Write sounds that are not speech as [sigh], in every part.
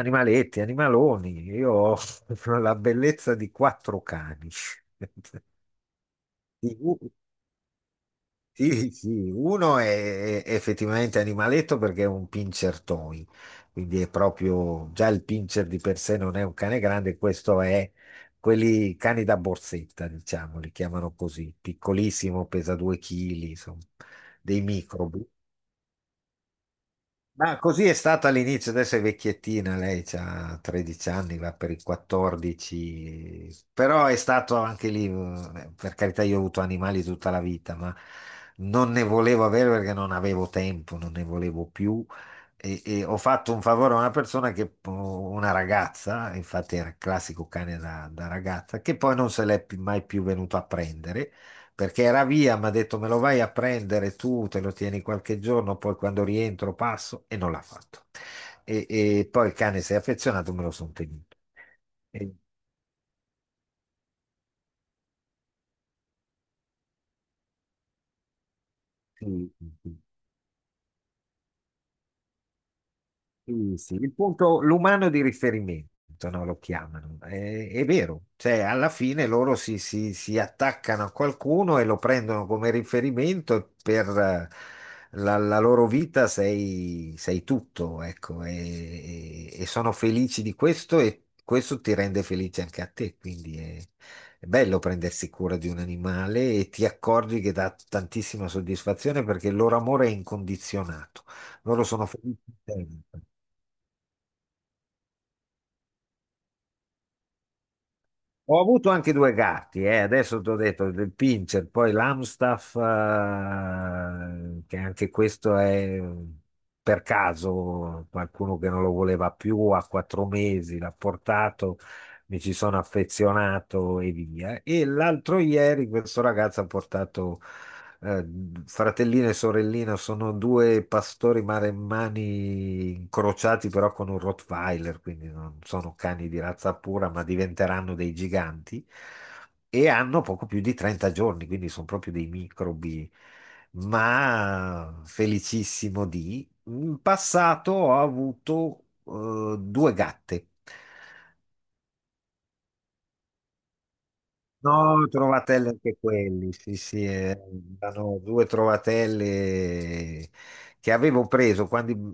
Animaletti, animaloni, io ho [laughs] la bellezza di 4 cani. [laughs] Sì, u- sì, sì, uno è effettivamente animaletto perché è un pincher toy, quindi è proprio, già il pincher di per sé non è un cane grande, questo è quelli cani da borsetta, diciamo, li chiamano così, piccolissimo, pesa 2 kg, insomma, dei micro. Ma così è stata all'inizio, adesso è vecchiettina, lei ha 13 anni, va per i 14, però è stato anche lì, per carità, io ho avuto animali tutta la vita, ma non ne volevo avere perché non avevo tempo, non ne volevo più e ho fatto un favore a una persona, che, una ragazza, infatti era il classico cane da ragazza, che poi non se mai più venuto a prendere perché era via, mi ha detto me lo vai a prendere tu, te lo tieni qualche giorno, poi quando rientro passo e non l'ha fatto. E poi il cane si è affezionato, me lo sono tenuto. E- sì, sì, sì. Sì, sì, il punto, l'umano di riferimento, no, lo chiamano. È vero, cioè alla fine loro si attaccano a qualcuno e lo prendono come riferimento per la loro vita sei tutto, ecco, e sono felici di questo e questo ti rende felice anche a te, quindi è bello prendersi cura di un animale e ti accorgi che dà tantissima soddisfazione perché il loro amore è incondizionato, loro sono felici sempre. Ho avuto anche due gatti, adesso ti ho detto il Pinscher, poi l'Amstaff, che anche questo è per caso qualcuno che non lo voleva più, a 4 mesi l'ha portato, mi ci sono affezionato e via. E l'altro ieri questo ragazzo ha portato eh, fratellino e sorellina, sono due pastori maremmani incrociati però con un Rottweiler, quindi non sono cani di razza pura, ma diventeranno dei giganti. E hanno poco più di 30 giorni, quindi sono proprio dei microbi, ma felicissimo di. In passato ho avuto due gatte. No, trovatelle anche quelli, sì, sì, erano due trovatelle che avevo preso quando i,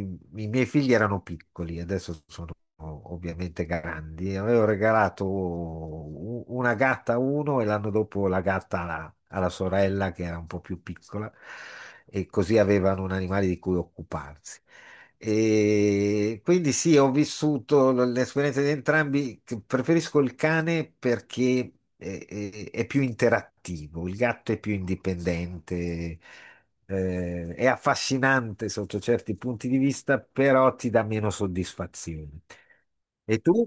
i- i miei figli erano piccoli, adesso sono ovviamente grandi. Avevo regalato una gatta a uno e l'anno dopo la gatta alla sorella che era un po' più piccola e così avevano un animale di cui occuparsi. E quindi sì, ho vissuto l'esperienza di entrambi. Che Preferisco il cane perché è più interattivo, il gatto è più indipendente, è affascinante sotto certi punti di vista, però ti dà meno soddisfazione. E tu?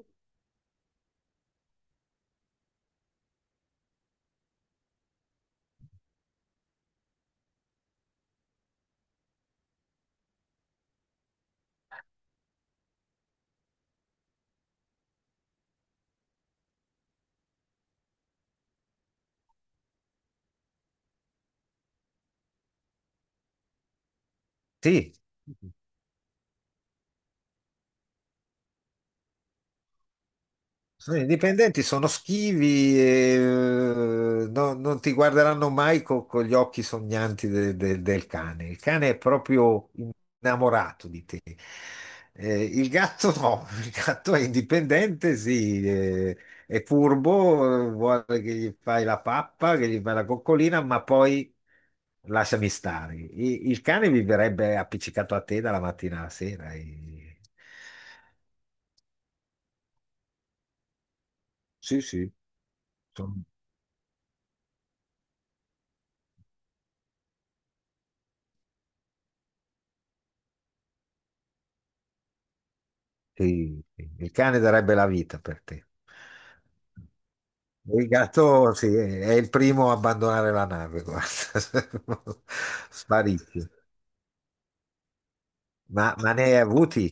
Sì. Sì, i dipendenti sono schivi e non ti guarderanno mai con gli occhi sognanti del cane. Il cane è proprio innamorato di te. Il gatto no, [laughs] il gatto è indipendente, sì, è furbo, vuole che gli fai la pappa, che gli fai la coccolina, ma poi lasciami stare. Il cane viverebbe appiccicato a te dalla mattina alla sera. Sì, sì. Sì, sì, il cane darebbe la vita per te. Il gatto, sì, è il primo a abbandonare la nave, guarda. [laughs] Sparisce. Ma ne hai avuti?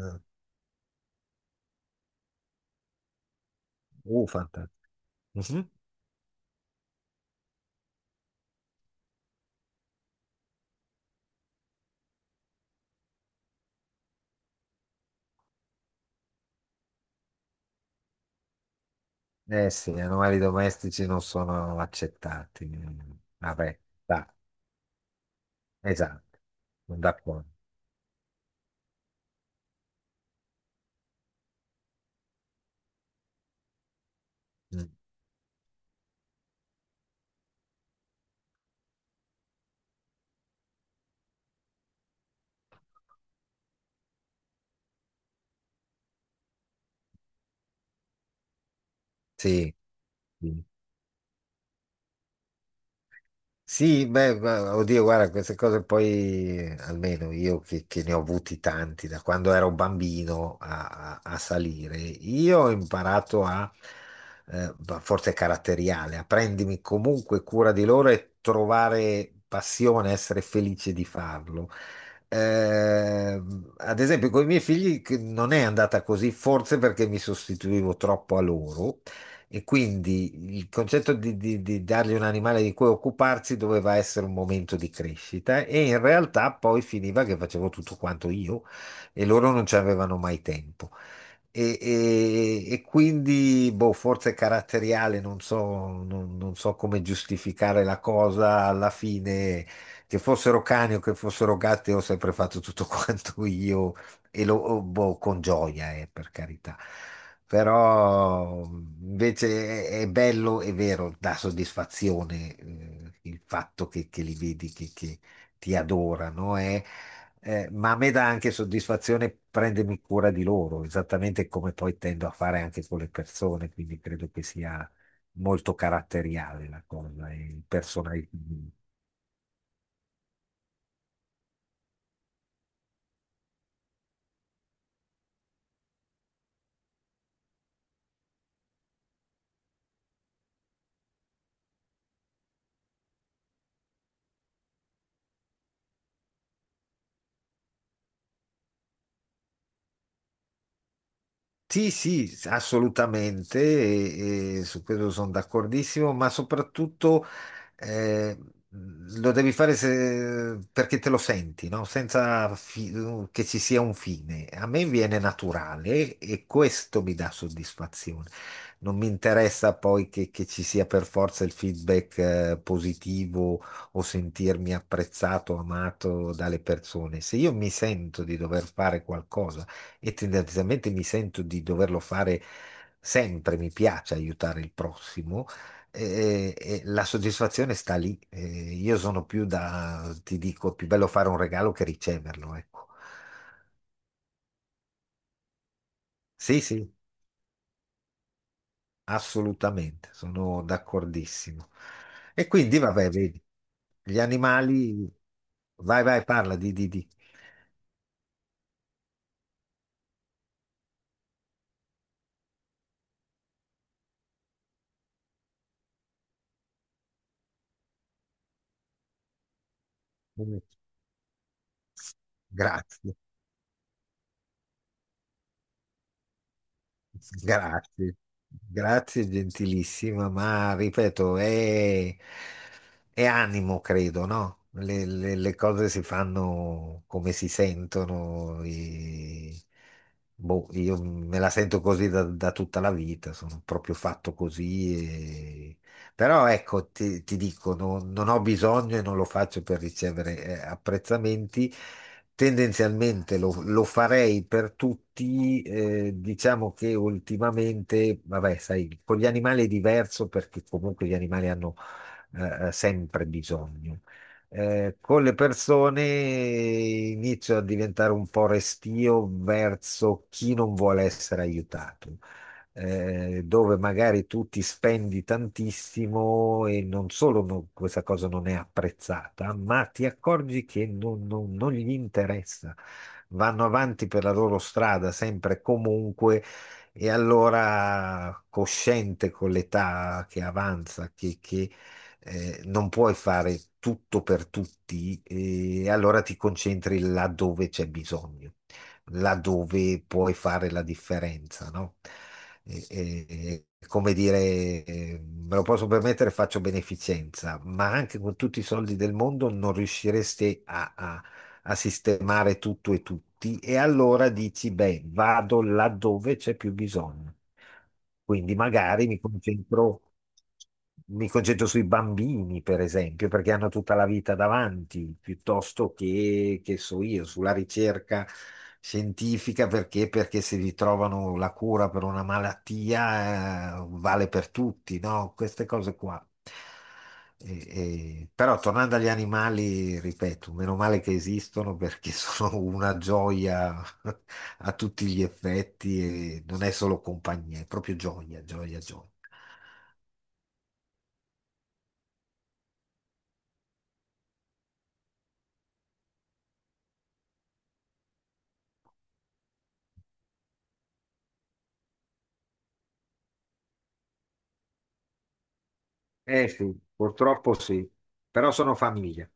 Uh, fantastico. Mhm. Eh sì, gli animali domestici non sono accettati. Vabbè, da, esatto, sono d'accordo. Mm, sì, sì. Sì, beh, oddio, guarda, queste cose poi, almeno io che ne ho avuti tanti da quando ero bambino a, a salire, io ho imparato a, ma forse è caratteriale, a prendermi comunque cura di loro e trovare passione, essere felice di farlo. Eh, ad esempio, con i miei figli che non è andata così, forse perché mi sostituivo troppo a loro e quindi il concetto di dargli un animale di cui occuparsi doveva essere un momento di crescita e in realtà poi finiva che facevo tutto quanto io e loro non ci avevano mai tempo. E quindi, boh, forse caratteriale, non so, non so come giustificare la cosa alla fine, che fossero cani o che fossero gatti, ho sempre fatto tutto [laughs] quanto io e lo oh, boh, con gioia, per carità. Però invece è bello, è vero, dà soddisfazione, il fatto che li vedi, che ti adorano, eh. Ma a me dà anche soddisfazione prendermi cura di loro, esattamente come poi tendo a fare anche con le persone, quindi credo che sia molto caratteriale la cosa, e personale. Sì, sì, assolutamente, e su questo sono d'accordissimo, ma soprattutto eh, lo devi fare perché te lo senti, no? Senza che ci sia un fine. A me viene naturale e questo mi dà soddisfazione. Non mi interessa poi che ci sia per forza il feedback, positivo o sentirmi apprezzato, amato dalle persone. Se io mi sento di dover fare qualcosa e tendenzialmente mi sento di doverlo fare sempre, mi piace aiutare il prossimo, e la soddisfazione sta lì. Io sono più da, ti dico, è più bello fare un regalo che riceverlo, ecco. Sì, sì, assolutamente, sono d'accordissimo. E quindi, vabbè, vedi, gli animali, vai, vai, parla di, di. Grazie. Grazie, grazie, gentilissima, ma ripeto, è animo, credo, no? Le cose si fanno come si sentono. Boh, io me la sento così da, da tutta la vita, sono proprio fatto così, però ecco, ti dico, non ho bisogno e non lo faccio per ricevere, apprezzamenti. Tendenzialmente lo farei per tutti, diciamo che ultimamente, vabbè, sai, con gli animali è diverso perché comunque gli animali hanno sempre bisogno. Con le persone inizio a diventare un po' restio verso chi non vuole essere aiutato, dove magari tu ti spendi tantissimo e non solo questa cosa non è apprezzata, ma ti accorgi che non, non gli interessa. Vanno avanti per la loro strada, sempre e comunque, e allora cosciente con l'età che avanza, non puoi fare tutto per tutti, e allora ti concentri là dove c'è bisogno, laddove puoi fare la differenza, no? E- e- come dire, me lo posso permettere, faccio beneficenza, ma anche con tutti i soldi del mondo non riusciresti a, a sistemare tutto e tutti e allora dici, beh, vado laddove c'è più bisogno. Quindi magari mi concentro sui bambini, per esempio, perché hanno tutta la vita davanti, piuttosto che so io, sulla ricerca scientifica, perché? Perché se vi trovano la cura per una malattia, vale per tutti, no? Queste cose qua. Però tornando agli animali, ripeto, meno male che esistono perché [laughs] sono una gioia a tutti gli effetti e non è solo compagnia, è proprio gioia, gioia, gioia. Eh sì, purtroppo sì, però sono famiglia.